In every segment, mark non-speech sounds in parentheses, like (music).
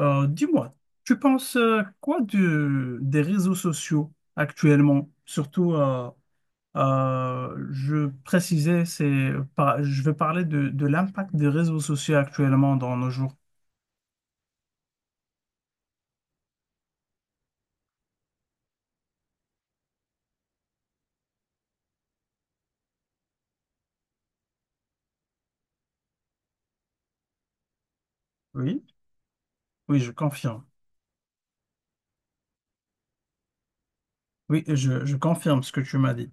Dis-moi, tu penses quoi des réseaux sociaux actuellement? Surtout, je précisais, je veux parler de l'impact des réseaux sociaux actuellement dans nos jours. Oui, oui, je confirme. Oui, je confirme ce que tu m'as dit.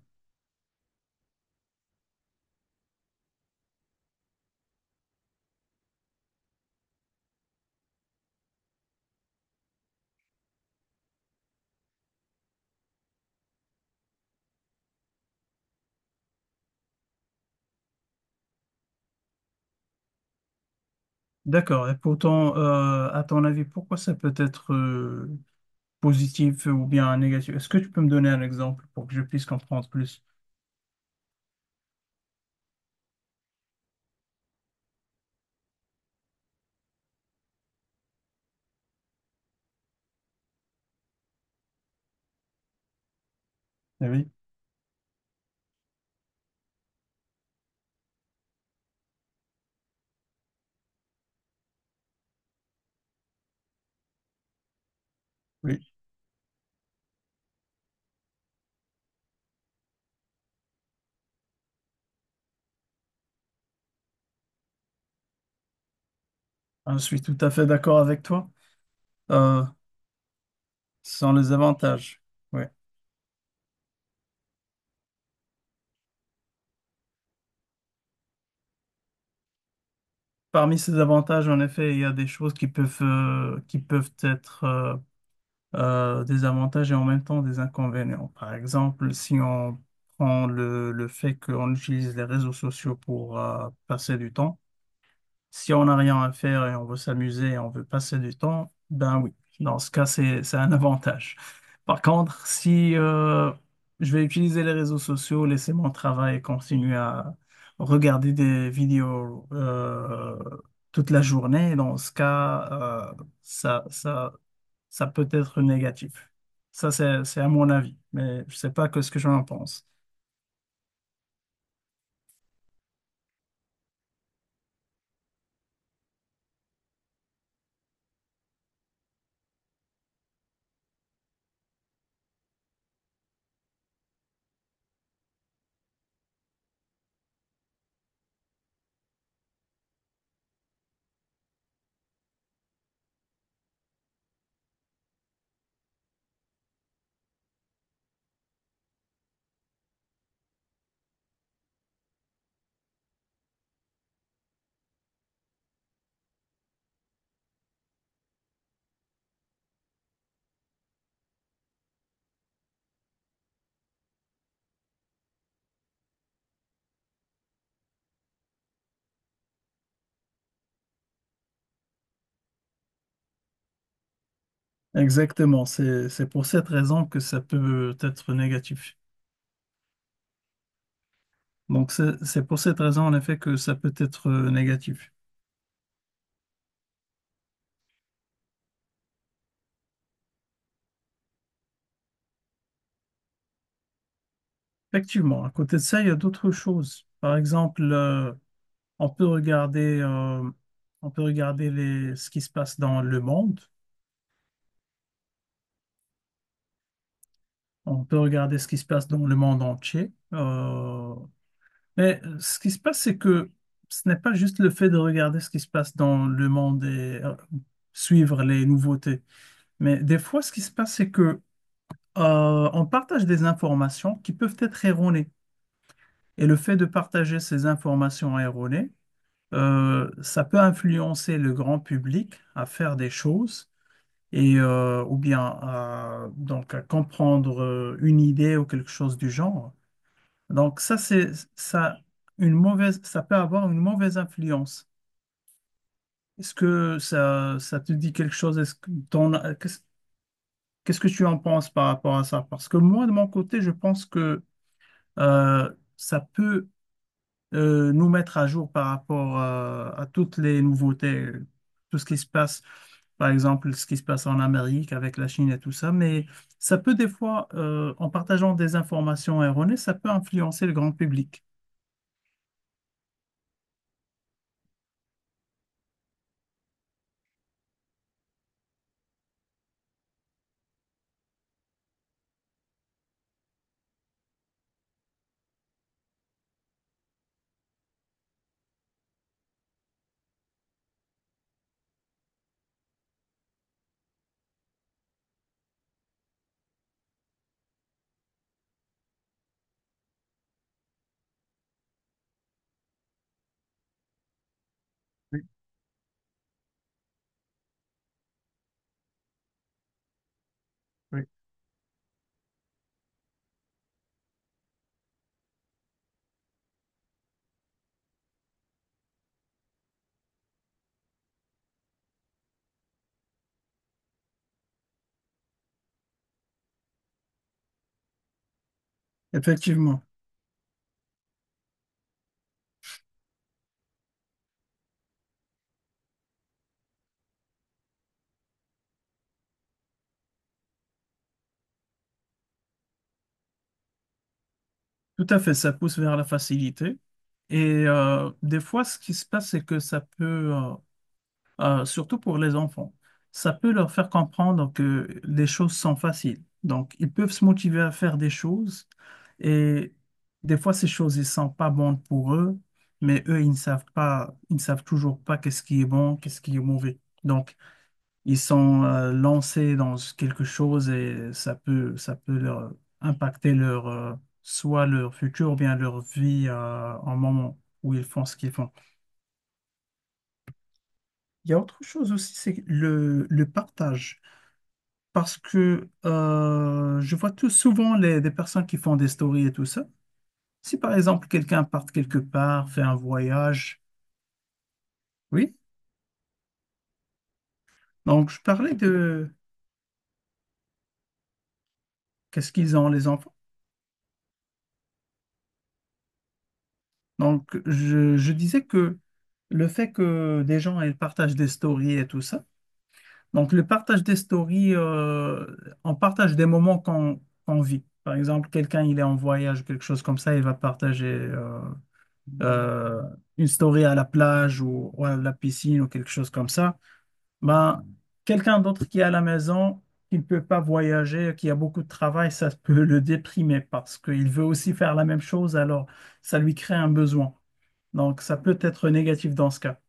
D'accord. Et pourtant, à ton avis, pourquoi ça peut être positif ou bien négatif? Est-ce que tu peux me donner un exemple pour que je puisse comprendre plus? Eh oui, oui, je suis tout à fait d'accord avec toi. Euh, Sans les avantages. Oui. Parmi ces avantages, en effet, il y a des choses qui peuvent être des avantages et en même temps des inconvénients. Par exemple, si on prend le fait qu'on utilise les réseaux sociaux pour passer du temps. Si on n'a rien à faire et on veut s'amuser et on veut passer du temps, ben oui, dans ce cas, c'est un avantage. Par contre, si je vais utiliser les réseaux sociaux, laisser mon travail et continuer à regarder des vidéos toute la journée, dans ce cas, euh, ça, ça, ça peut être négatif. Ça, c'est à mon avis, mais je sais pas que ce que j'en pense. Exactement, c'est pour cette raison que ça peut être négatif. Donc, c'est pour cette raison, en effet, que ça peut être négatif. Effectivement, à côté de ça, il y a d'autres choses. Par exemple, on peut on peut regarder les, ce qui se passe dans le monde. On peut regarder ce qui se passe dans le monde entier. Mais ce qui se passe, c'est que ce n'est pas juste le fait de regarder ce qui se passe dans le monde et suivre les nouveautés. Mais des fois, ce qui se passe, c'est que, on partage des informations qui peuvent être erronées. Et le fait de partager ces informations erronées, ça peut influencer le grand public à faire des choses et donc à comprendre une idée ou quelque chose du genre. Donc ça peut avoir une mauvaise influence. Est-ce que ça te dit quelque chose? Est-ce que t'en as- qu'est-ce Qu'est-ce que tu en penses par rapport à ça? Parce que moi de mon côté je pense que euh, ça peut nous mettre à jour par rapport à toutes les nouveautés, tout ce qui se passe, par exemple, ce qui se passe en Amérique avec la Chine et tout ça. Mais ça peut des fois, en partageant des informations erronées, ça peut influencer le grand public. Oui. Effectivement, tout à fait, ça pousse vers la facilité. Et des fois, ce qui se passe, c'est que ça peut, surtout pour les enfants. Ça peut leur faire comprendre que les choses sont faciles. Donc, ils peuvent se motiver à faire des choses et des fois, ces choses, ils sont pas bonnes pour eux, mais eux, ils ne savent pas, ils ne savent toujours pas qu'est-ce qui est bon, qu'est-ce qui est mauvais. Donc, ils sont lancés dans quelque chose et ça peut leur impacter soit leur futur ou bien leur vie en moment où ils font ce qu'ils font. Il y a autre chose aussi, c'est le partage. Parce que je vois tout souvent des personnes qui font des stories et tout ça. Si par exemple quelqu'un part quelque part, fait un voyage, oui. Donc je parlais de qu'est-ce qu'ils ont les enfants. Donc je disais que le fait que des gens ils partagent des stories et tout ça. Donc le partage des stories, on partage des moments qu'on vit. Par exemple, quelqu'un il est en voyage, quelque chose comme ça, il va partager. Euh, une story à la plage ou à la piscine ou quelque chose comme ça, ben, quelqu'un d'autre qui est à la maison, qui ne peut pas voyager, qui a beaucoup de travail, ça (laughs) peut le déprimer parce qu'il veut aussi faire la même chose, alors ça lui crée un besoin. Donc, ça peut être négatif dans ce cas.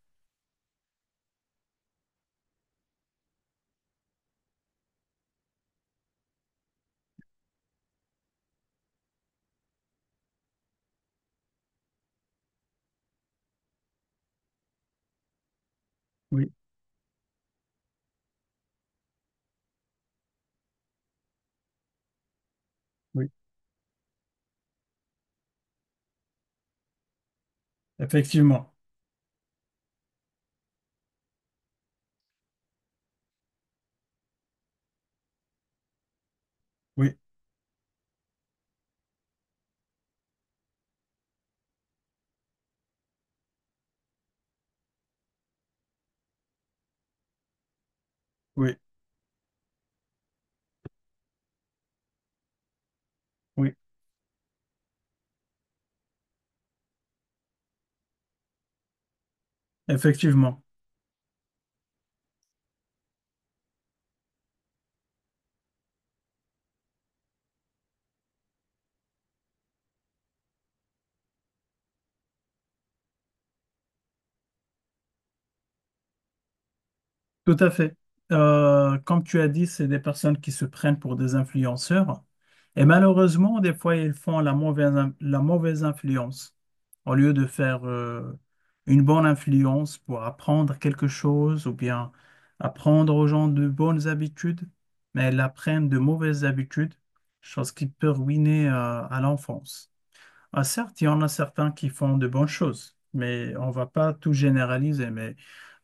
Oui, oui. Effectivement. Oui, oui, oui, effectivement. Tout à fait. Comme tu as dit, c'est des personnes qui se prennent pour des influenceurs. Et malheureusement, des fois, ils font la mauvaise influence. Au lieu de faire une bonne influence pour apprendre quelque chose ou bien apprendre aux gens de bonnes habitudes, mais ils apprennent de mauvaises habitudes, chose qui peut ruiner à l'enfance. Ah, certes, il y en a certains qui font de bonnes choses, mais on va pas tout généraliser. Mais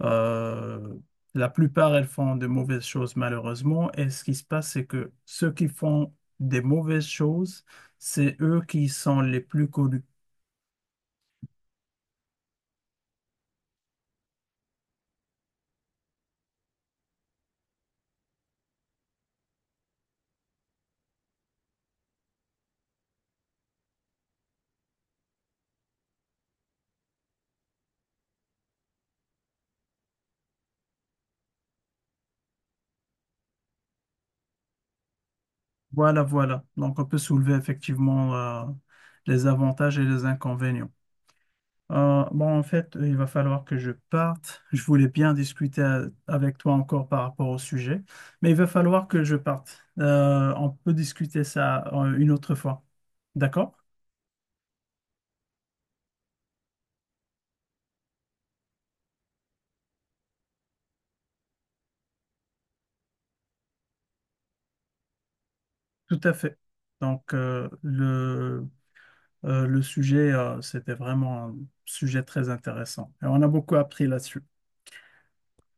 euh, la plupart, elles font de mauvaises choses, malheureusement. Et ce qui se passe, c'est que ceux qui font des mauvaises choses, c'est eux qui sont les plus connus. Voilà, voilà. Donc, on peut soulever effectivement les avantages et les inconvénients. Bon, en fait, il va falloir que je parte. Je voulais bien discuter avec toi encore par rapport au sujet, mais il va falloir que je parte. On peut discuter ça une autre fois. D'accord? Tout à fait. Donc, le sujet, c'était vraiment un sujet très intéressant. Et on a beaucoup appris là-dessus.